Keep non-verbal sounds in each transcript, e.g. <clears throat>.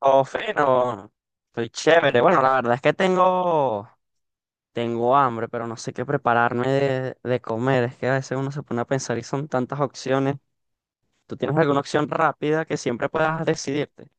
Oh, fino. Estoy chévere. Bueno, la verdad es que tengo hambre, pero no sé qué prepararme de comer. Es que a veces uno se pone a pensar y son tantas opciones. ¿Tú tienes alguna opción rápida que siempre puedas decidirte?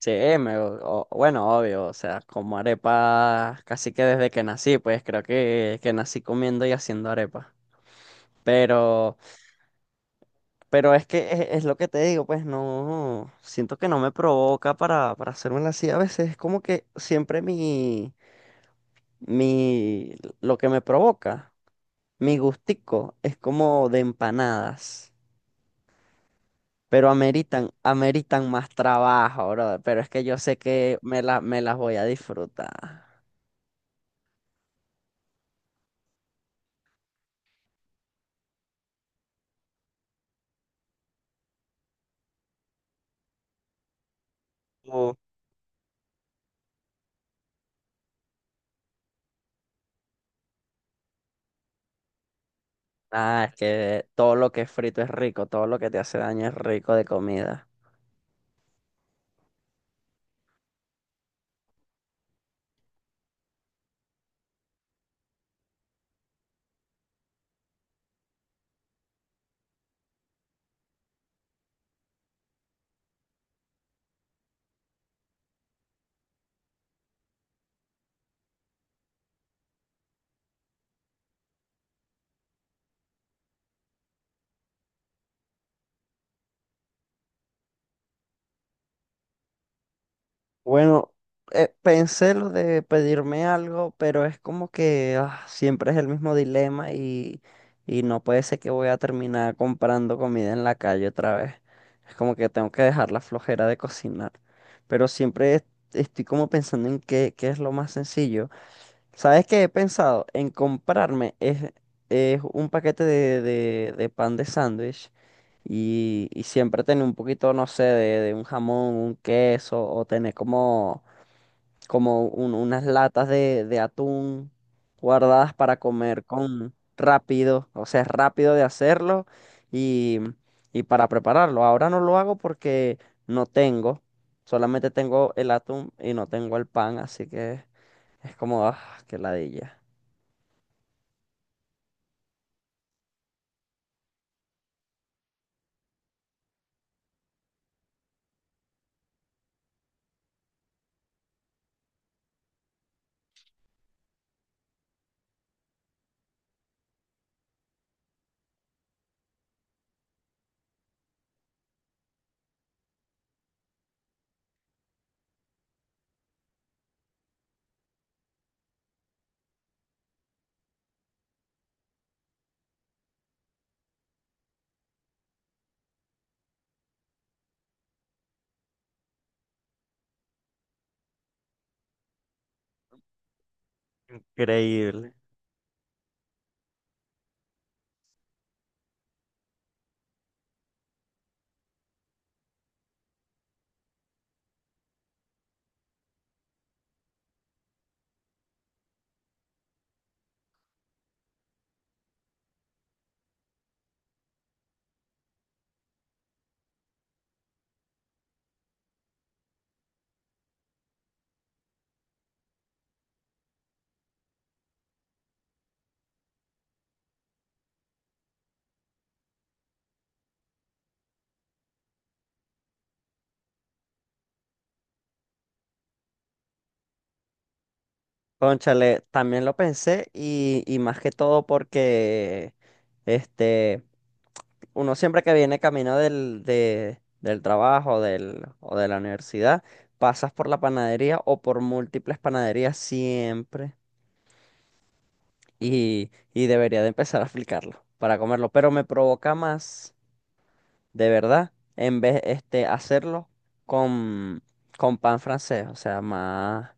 Sí, bueno, obvio. O sea, como arepa casi que desde que nací, pues creo que nací comiendo y haciendo arepa. Pero, pero es que es lo que te digo, pues no, siento que no me provoca para hacérmela así. A veces es como que siempre mi... Mi, lo que me provoca, mi gustico, es como de empanadas, pero ameritan más trabajo, brother. Pero es que yo sé que me las voy a disfrutar. O- Ah, es que todo lo que es frito es rico, todo lo que te hace daño es rico de comida. Bueno, pensé lo de pedirme algo, pero es como que ah, siempre es el mismo dilema y no puede ser que voy a terminar comprando comida en la calle otra vez. Es como que tengo que dejar la flojera de cocinar. Pero estoy como pensando en qué, qué es lo más sencillo. ¿Sabes qué he pensado? En es un paquete de pan de sándwich y siempre tener un poquito, no sé, de un jamón, un queso o tener como, unas latas de atún guardadas para comer con rápido, o sea, es rápido de hacerlo y, y para prepararlo. Ahora no lo hago porque no tengo, solamente tengo el atún y no tengo el pan, así que es como, ah, qué ladilla. Increíble. Cónchale, también lo pensé y más que todo porque este, uno siempre que viene camino del trabajo del, o de la universidad, pasas por la panadería o por múltiples panaderías siempre y debería de empezar a aplicarlo para comerlo, pero me provoca más de verdad, en vez este hacerlo con, con pan francés, o sea, más,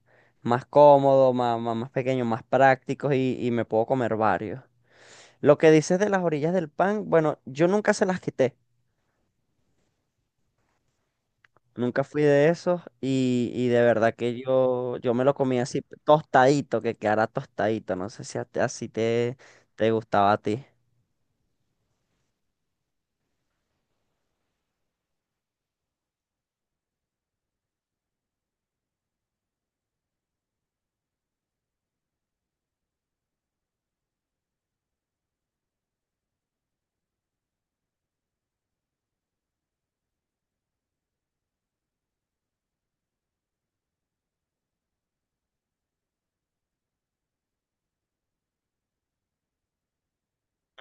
más, cómodo, más pequeño, más práctico y me puedo comer varios. Lo que dices de las orillas del pan, bueno, yo nunca se las quité, nunca fui de esos y de verdad que yo me lo comía así tostadito, que quedara tostadito, no sé si así te, te gustaba a ti.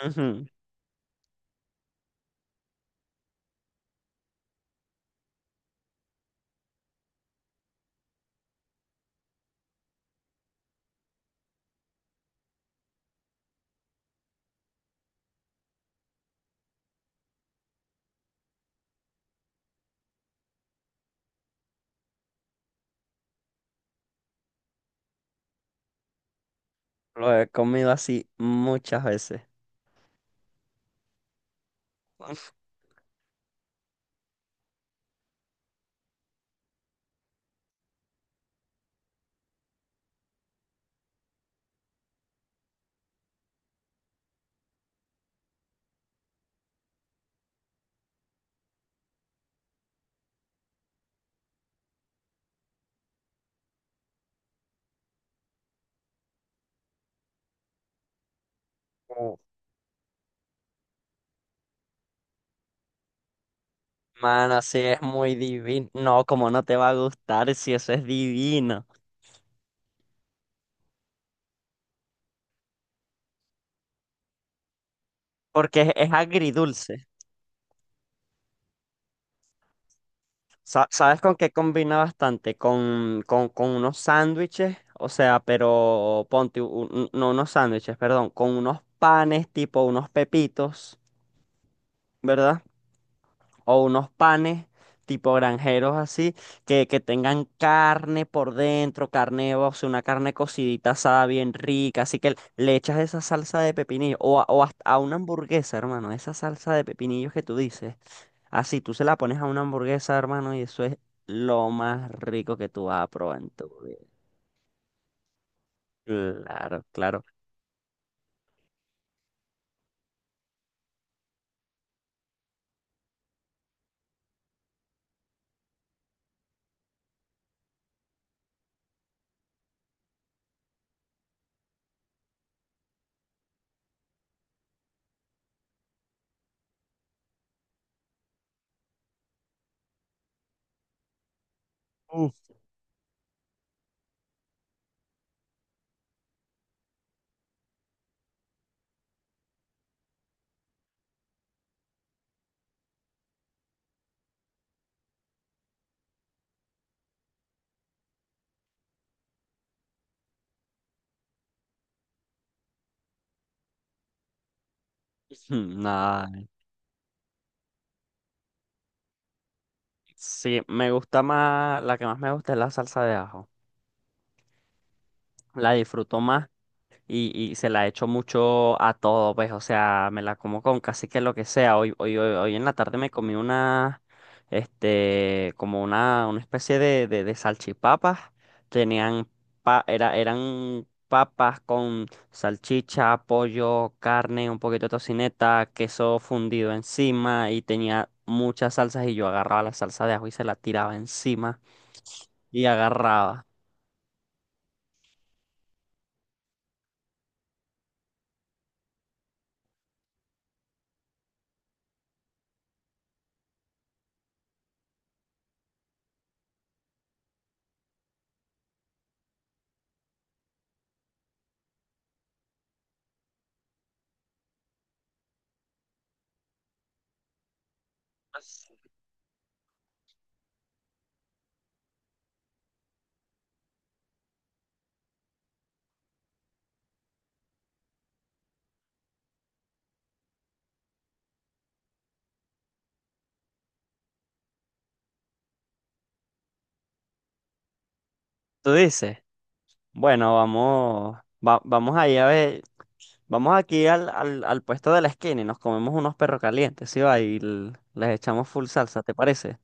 Ujú. Lo he comido así muchas veces. <laughs> Mano, sí, es muy divino. No, como no te va a gustar si eso es divino. Porque es agridulce. ¿Sabes con qué combina bastante? Con unos sándwiches, o sea, pero ponte, no unos sándwiches, perdón, con unos panes tipo unos pepitos, ¿verdad? O unos panes tipo granjeros así, que tengan carne por dentro, carne, o sea, una carne cocidita asada bien rica, así que le echas esa salsa de pepinillo, o hasta a una hamburguesa, hermano, esa salsa de pepinillos que tú dices, así tú se la pones a una hamburguesa, hermano, y eso es lo más rico que tú vas a probar en tu vida. Claro, claro. Uf. <clears throat> Mm, nada. Sí, me gusta más, la que más me gusta es la salsa de ajo. La disfruto más y se la echo mucho a todo, pues, o sea, me la como con casi que lo que sea. Hoy en la tarde me comí como una especie de salchipapas. Tenían, Eran papas con salchicha, pollo, carne, un poquito de tocineta, queso fundido encima y tenía muchas salsas y yo agarraba la salsa de ajo y se la tiraba encima y agarraba. ¿Tú dices? Bueno, vamos, vamos ahí a ver, vamos aquí al puesto de la esquina y nos comemos unos perros calientes, ¿sí va? Y les echamos full salsa, ¿te parece?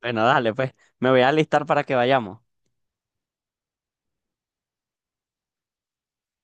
Bueno, dale, pues, me voy a alistar para que vayamos.